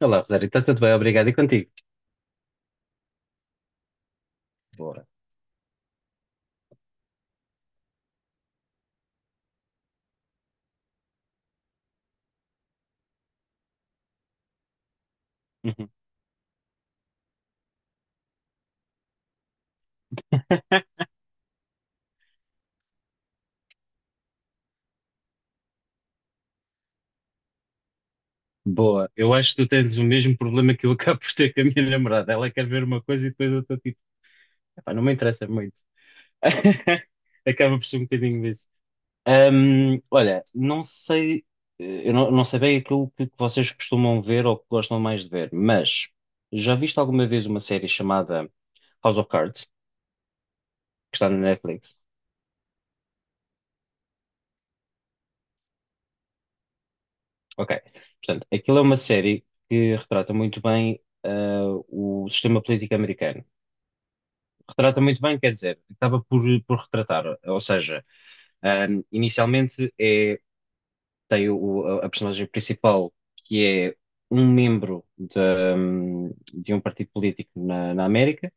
Olá, Rosário, está tudo bem? Obrigado. E contigo? Boa. Uhum. Boa. Eu acho que tu tens o mesmo problema que eu acabo por ter com a minha namorada. Ela quer ver uma coisa e depois eu estou tipo, "Epá, não me interessa muito." Acaba por ser um bocadinho disso. Olha, não sei, eu não sei bem aquilo que vocês costumam ver ou que gostam mais de ver, mas já viste alguma vez uma série chamada House of Cards, que está na Netflix? Ok. Portanto, aquilo é uma série que retrata muito bem o sistema político americano. Retrata muito bem, quer dizer, acaba por retratar. Ou seja, inicialmente é, tem a personagem principal, que é um membro de um partido político na América,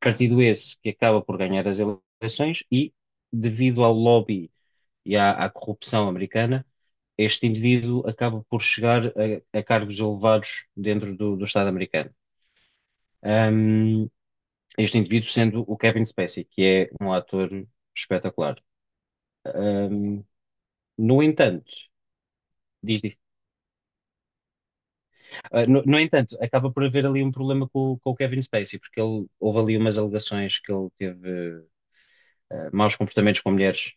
partido esse que acaba por ganhar as eleições e, devido ao lobby e à corrupção americana, este indivíduo acaba por chegar a cargos elevados dentro do Estado americano. Um, Este indivíduo sendo o Kevin Spacey, que é um ator espetacular. Um, no entanto, diz- diz- no entanto, acaba por haver ali um problema com, com o Kevin Spacey, porque ele, houve ali umas alegações que ele teve maus comportamentos com mulheres.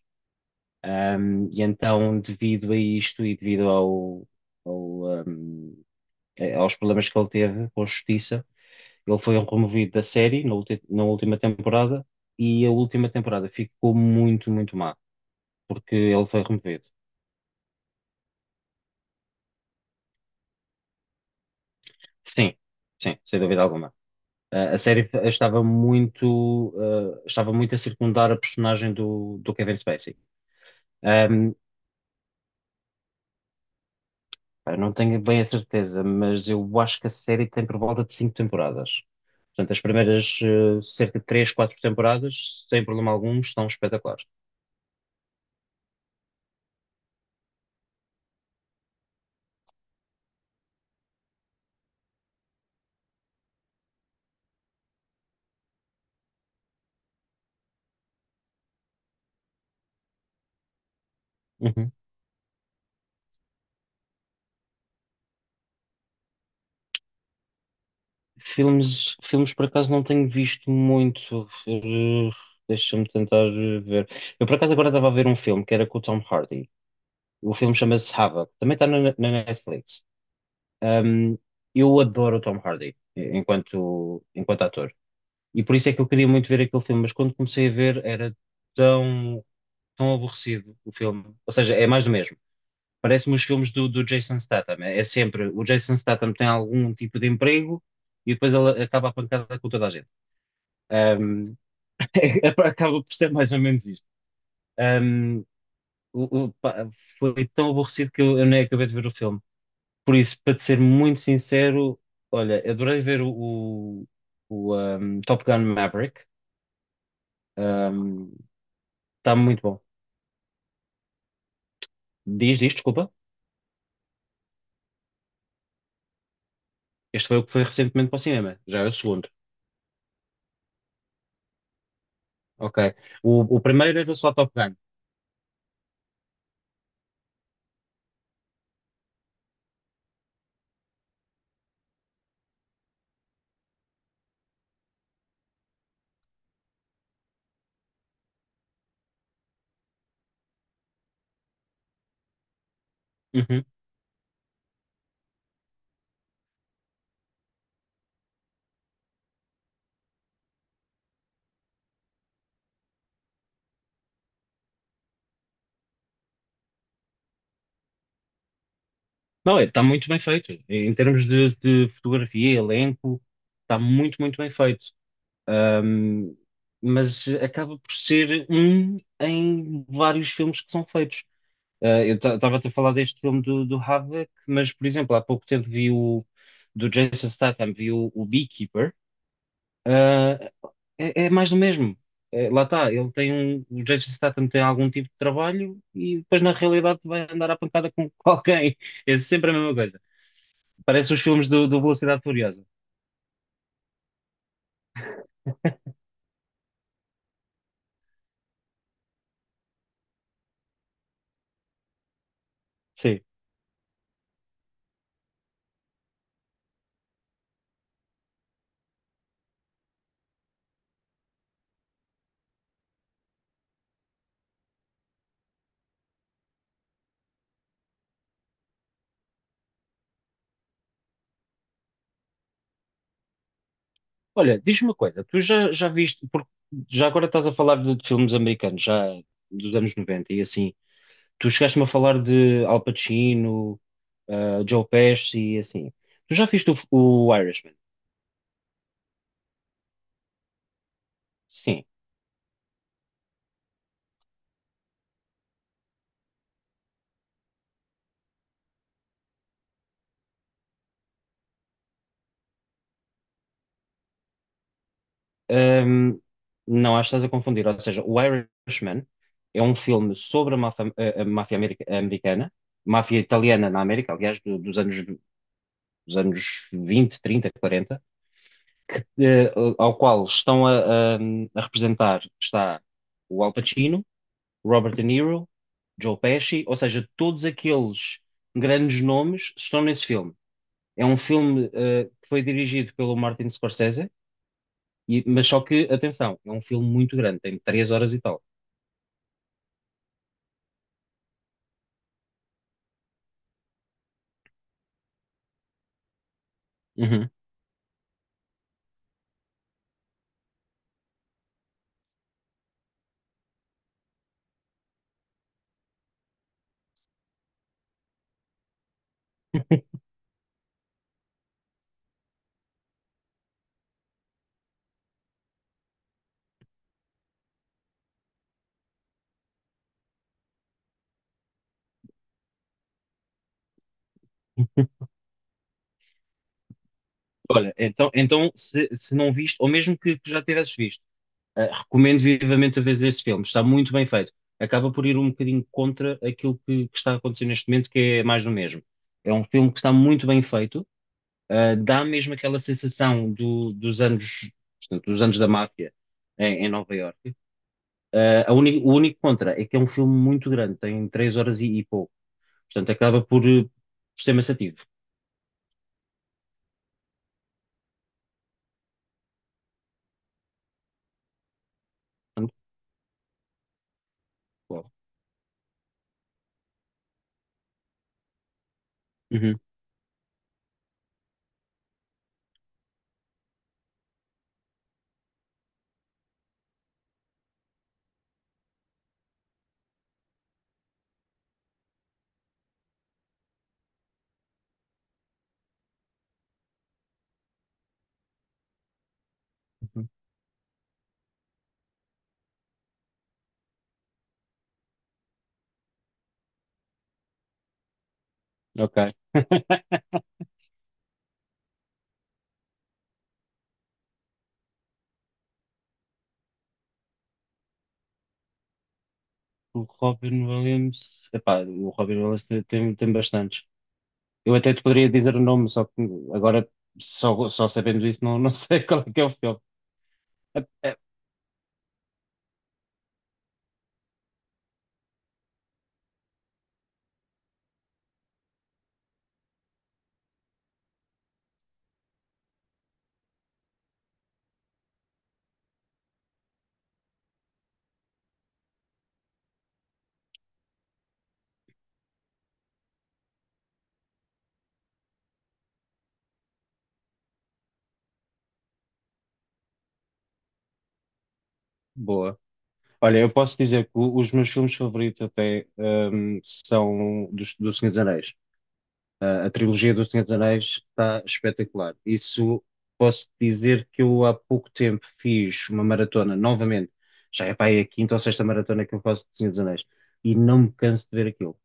E então, devido a isto e devido ao, um, aos problemas que ele teve com a justiça. Ele foi removido da série na última temporada e a última temporada ficou muito, muito má, porque ele foi removido. Sim, sim, sem dúvida alguma. A série estava muito, estava muito a circundar a personagem do Kevin Spacey. Ahm, eu não tenho bem a certeza, mas eu acho que a série tem por volta de cinco temporadas. Portanto, as primeiras, cerca de três, quatro temporadas, sem problema algum, estão espetaculares. Uhum. Filmes por acaso não tenho visto muito. Deixa-me tentar ver. Eu por acaso agora estava a ver um filme que era com o Tom Hardy. O filme chama-se Havoc. Também está na Netflix. Um, eu adoro o Tom Hardy enquanto ator. E por isso é que eu queria muito ver aquele filme, mas quando comecei a ver era tão, tão aborrecido o filme. Ou seja, é mais do mesmo. Parece-me os filmes do Jason Statham. É sempre, o Jason Statham tem algum tipo de emprego e depois ele acaba a pancada com toda a gente. Um, Acaba por ser mais ou menos isto. Um, Pá, foi tão aborrecido que eu nem acabei de ver o filme. Por isso, para te ser muito sincero, olha, adorei ver Top Gun Maverick. Um, Está muito bom. Diz, desculpa. Este foi o que foi recentemente para o cinema. Já é o segundo. Ok. O primeiro era só Top Gun. Uhum. Não, está muito bem feito. Em termos de fotografia, elenco, está muito, muito bem feito. Um, mas acaba por ser um em vários filmes que são feitos. Eu estava a falar deste filme do Havoc, mas, por exemplo, há pouco tempo vi o do Jason Statham, vi o Beekeeper. Uh, É mais do mesmo. É, lá está, ele tem um, o Jason Statham tem algum tipo de trabalho e depois na realidade vai andar à pancada com com alguém. É sempre a mesma coisa. Parece os filmes do Velocidade Furiosa. Olha, diz-me uma coisa, tu já viste, porque já agora estás a falar de filmes americanos, já dos anos 90 e assim, tu chegaste-me a falar de Al Pacino, Joe Pesci e assim. Tu já viste o Irishman? Sim. Ahm, não, acho que estás a confundir, ou seja, o Irishman é um filme sobre a máfia, a máfia americana, máfia italiana na América, aliás, dos anos 20, 30, 40, ao qual estão a representar está o Al Pacino, Robert De Niro, Joe Pesci, ou seja, todos aqueles grandes nomes estão nesse filme. É um filme, que foi dirigido pelo Martin Scorsese, mas só que, atenção, é um filme muito grande, tem três horas e tal. Uhum. Olha, então, então se não viste, ou mesmo que já tivesses visto, uh, recomendo vivamente a ver este filme, está muito bem feito. Acaba por ir um bocadinho contra aquilo que está acontecendo neste momento, que é mais do mesmo. É um filme que está muito bem feito, dá mesmo aquela sensação dos anos, portanto, dos anos da máfia em Nova Iorque. O único contra é que é um filme muito grande, tem três horas e pouco, portanto acaba por ser maçativo. Portanto, bom. Uhum, uhum. Ok. O Robin Williams, epá, o Robin Williams tem bastantes. Eu até te poderia dizer o nome, só que agora, só sabendo isso, não sei qual é que é o filme. É boa. Olha, eu posso dizer que os meus filmes favoritos até são dos, do Senhor dos Anéis. A trilogia do Senhor dos Anéis está espetacular. Isso posso dizer que eu há pouco tempo fiz uma maratona, novamente, já é pá, é a quinta ou sexta maratona que eu faço do Senhor dos Anéis, e não me canso de ver aquilo.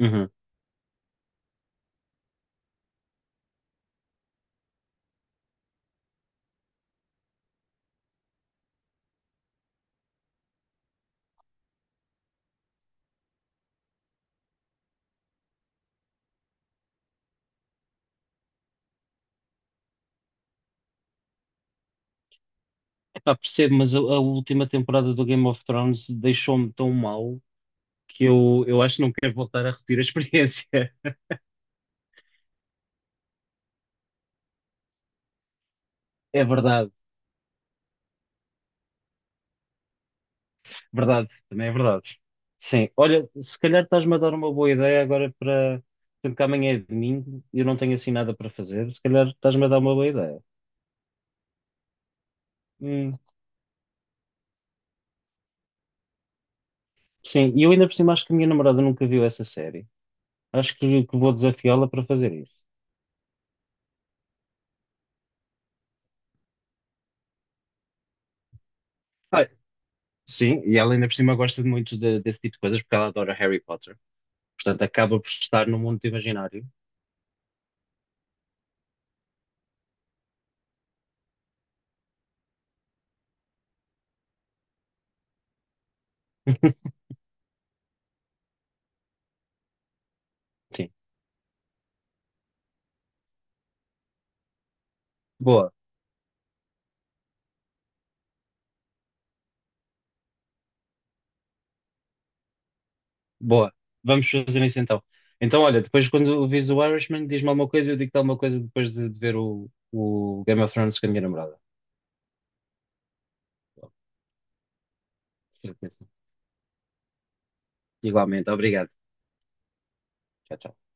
Uhum. Epá, percebo, mas a última temporada do Game of Thrones deixou-me tão mal que eu acho que não quero voltar a repetir a experiência. É verdade, verdade, também é verdade. Sim, olha, se calhar estás-me a dar uma boa ideia agora para. Sendo que amanhã é domingo e eu não tenho assim nada para fazer, se calhar estás-me a dar uma boa ideia. Hum. Sim, e eu ainda por cima acho que a minha namorada nunca viu essa série. Acho que vou desafiá-la para fazer isso. Ah, sim, e ela ainda por cima gosta de muito desse tipo de coisas porque ela adora Harry Potter. Portanto, acaba por estar no mundo imaginário. Sim, boa. Boa, vamos fazer isso então. Então, olha, depois quando vês o Irishman, diz-me alguma coisa, e eu digo-te alguma coisa depois de ver o Game of Thrones com a minha namorada. Bom, certeza. Igualmente, obrigado. Tchau, tchau.